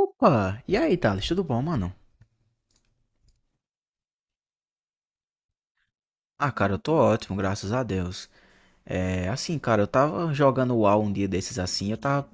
Opa! E aí, Thales, tudo bom, mano? Ah, cara, eu tô ótimo, graças a Deus. É, assim, cara, eu tava jogando o WoW um dia desses assim, eu tava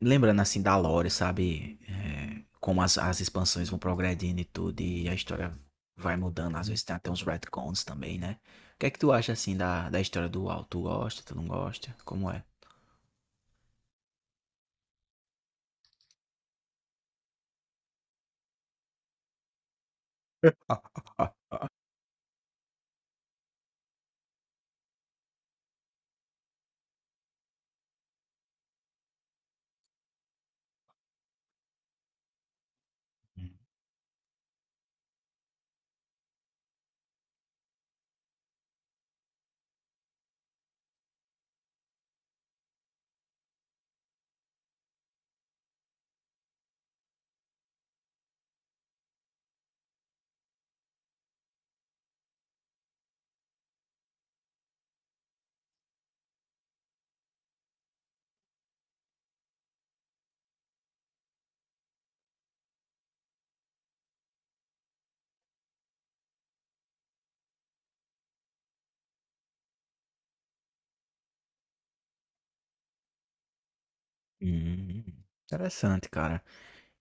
lembrando assim da lore, sabe? É, como as expansões vão progredindo e tudo, e a história vai mudando, às vezes tem até uns retcons também, né? O que é que tu acha assim da história do WoW? Tu gosta, tu não gosta? Como é? Ah. Hum, Interessante, cara.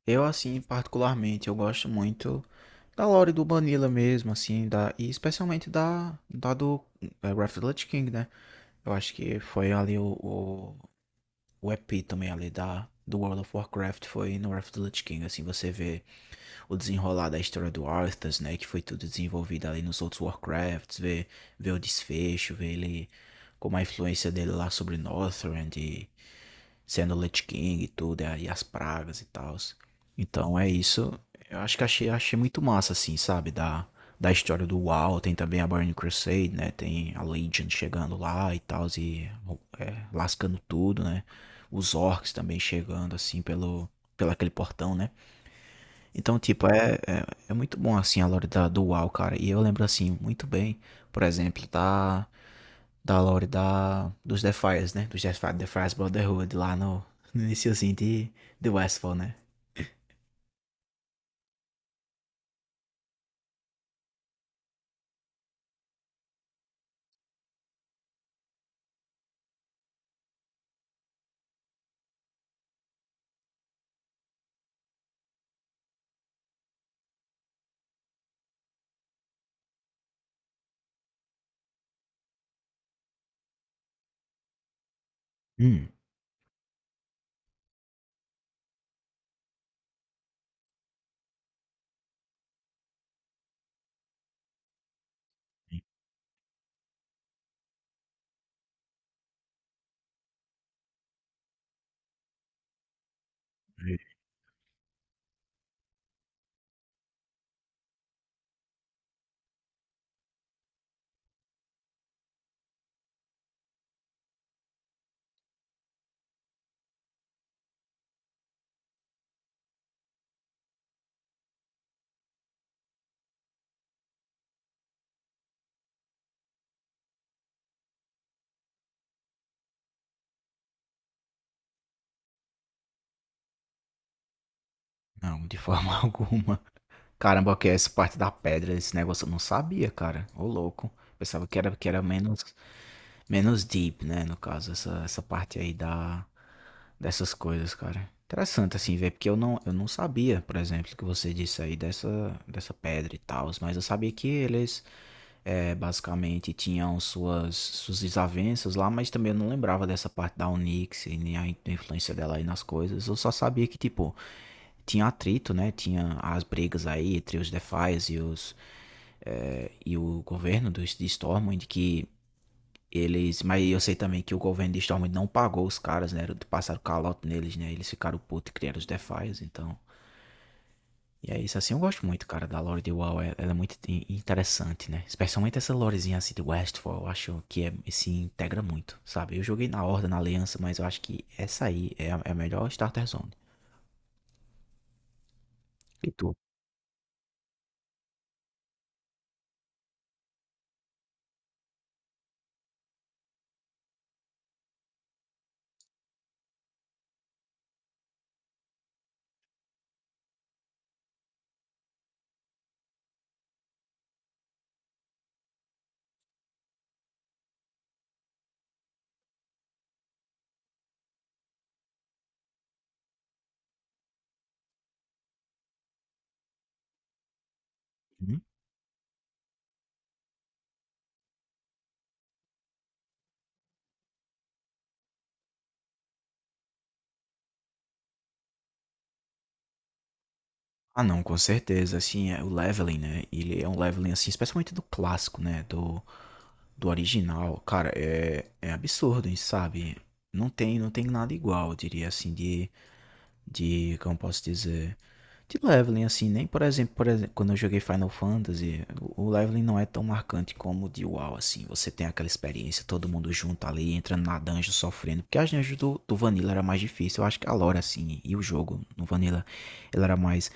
Eu, assim, particularmente, eu gosto muito da lore do Vanilla mesmo, assim, e especialmente da do Wrath of the Lich King, né? Eu acho que foi ali o epítome ali da, do World of Warcraft, foi no Wrath of the Lich King, assim, você vê o desenrolar da história do Arthas, né, que foi tudo desenvolvido ali nos outros Warcrafts, vê, o desfecho, vê ele, como a influência dele lá sobre Northrend e sendo Lich King e tudo, e as pragas e tal. Então é isso. Eu acho que achei muito massa, assim, sabe? Da história do WoW, tem também a Burning Crusade, né? Tem a Legion chegando lá e tal, e lascando tudo, né? Os orcs também chegando, assim, pelo aquele portão, né? Então, tipo, é muito bom, assim, a lore da, do WoW, cara. E eu lembro, assim, muito bem, por exemplo, da lore da, dos Defiers, né? Dos Defiers, Defiers Brotherhood, lá no iniciozinho de Westfall, né? Hum. Não, de forma alguma. Caramba, que é essa parte da pedra, esse negócio eu não sabia, cara. Ô, louco. Pensava que era menos deep, né? No caso, essa parte aí da, dessas coisas, cara. Interessante assim, velho, porque eu não sabia, por exemplo, que você disse aí dessa pedra e tal, mas eu sabia que eles basicamente tinham suas desavenças lá, mas também eu não lembrava dessa parte da Onyx e nem a influência dela aí nas coisas. Eu só sabia que, tipo, tinha atrito, né? Tinha as brigas aí entre os Defias e os e o governo dos de Stormwind que eles, mas eu sei também que o governo de Stormwind não pagou os caras, né? Passaram calote neles, né? Eles ficaram putos e criaram os Defias, então. E é isso, assim, eu gosto muito, cara, da lore de WoW. Ela é muito interessante, né? Especialmente essa lorezinha assim de Westfall, eu acho que se integra muito, sabe? Eu joguei na Horda, na Aliança, mas eu acho que essa aí é a melhor Starter Zone. E tu? Hum? Ah, não, com certeza, assim, o leveling, né? Ele é um leveling, assim, especialmente do clássico, né? Do original, cara, é absurdo, hein, sabe? Não tem nada igual, eu diria assim, como posso dizer, de leveling, assim, nem por exemplo, quando eu joguei Final Fantasy, o leveling não é tão marcante como o de WoW, assim, você tem aquela experiência, todo mundo junto ali, entrando na dungeon, sofrendo, porque as dungeons do Vanilla era mais difícil, eu acho que a lore, assim, e o jogo no Vanilla, ele era mais,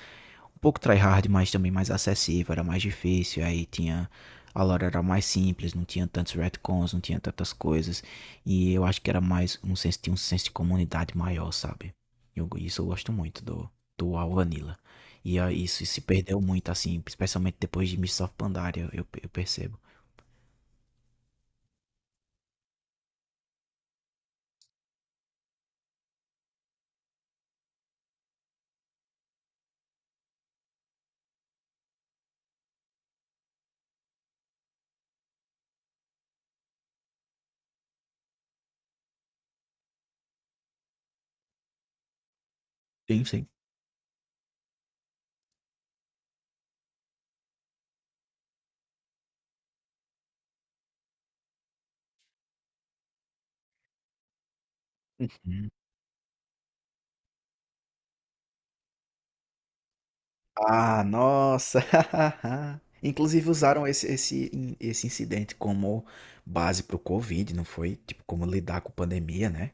um pouco tryhard, mas também mais acessível, era mais difícil, aí tinha a lore era mais simples, não tinha tantos retcons, não tinha tantas coisas, e eu acho que era mais um senso, tinha um senso de comunidade maior, sabe? Eu, isso eu gosto muito do WoW Vanilla. E isso se perdeu muito, assim, especialmente depois de Mists of Pandaria, eu percebo. Sim, sim. Ah, nossa! Inclusive usaram esse incidente como base para o Covid, não foi? Tipo, como lidar com pandemia, né?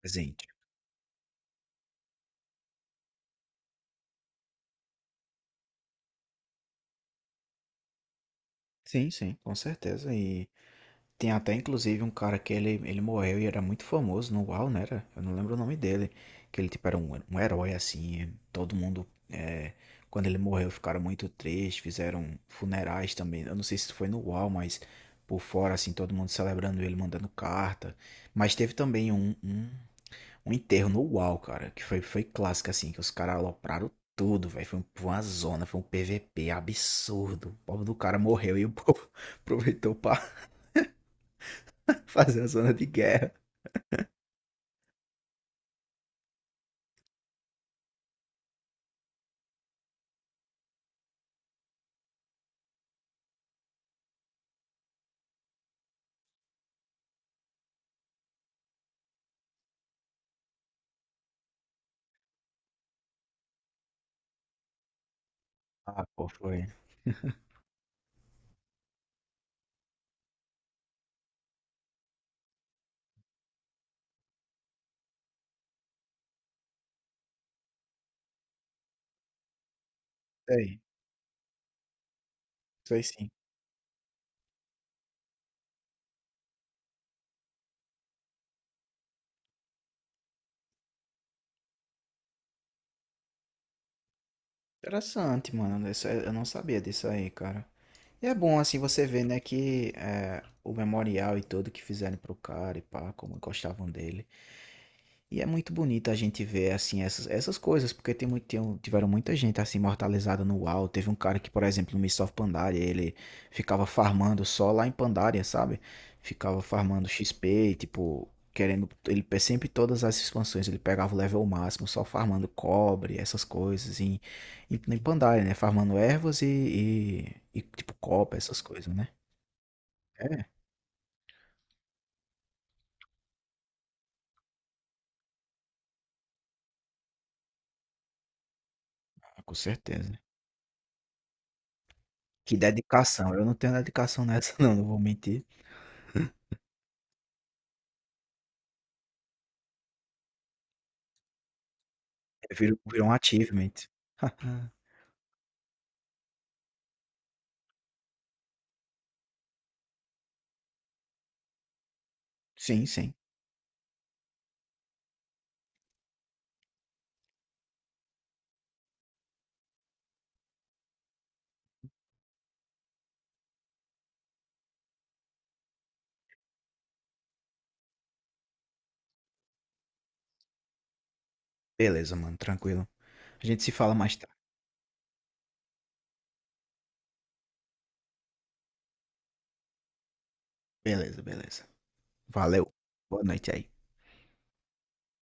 Presente. Sim, sim, com certeza. E tem até inclusive um cara que ele morreu e era muito famoso no UAU, né? Era? Eu não lembro o nome dele. Que ele tipo era um herói assim. Todo mundo, quando ele morreu, ficaram muito tristes. Fizeram funerais também. Eu não sei se foi no UAU, mas por fora, assim, todo mundo celebrando ele, mandando carta. Mas teve também um, enterro no UAU, cara. Que foi clássico, assim. Que os caras alopraram tudo, velho. Foi uma zona, foi um PVP absurdo. O povo do cara morreu e o povo aproveitou pra fazendo zona de guerra. Ah, pô, foi. Sei, sei sim. Interessante, mano. Eu não sabia disso aí, cara. E é bom, assim, você ver, né, o memorial e tudo que fizeram pro cara e pá, como gostavam dele. E é muito bonito a gente ver, assim, essas coisas, porque tem muito, tiveram muita gente, assim, imortalizada no UAU. Teve um cara que, por exemplo, no Mists of Pandaria, ele ficava farmando só lá em Pandaria, sabe? Ficava farmando XP, tipo, querendo. Sempre, todas as expansões, ele pegava o level máximo só farmando cobre, essas coisas, em Pandaria, né? Farmando ervas e, tipo, copa, essas coisas, né? É, com certeza. Que dedicação, eu não tenho dedicação nessa, não, não vou mentir. É, virou um achievement. Sim, sim. Beleza, mano, tranquilo. A gente se fala mais tarde. Beleza, beleza. Valeu. Boa noite aí.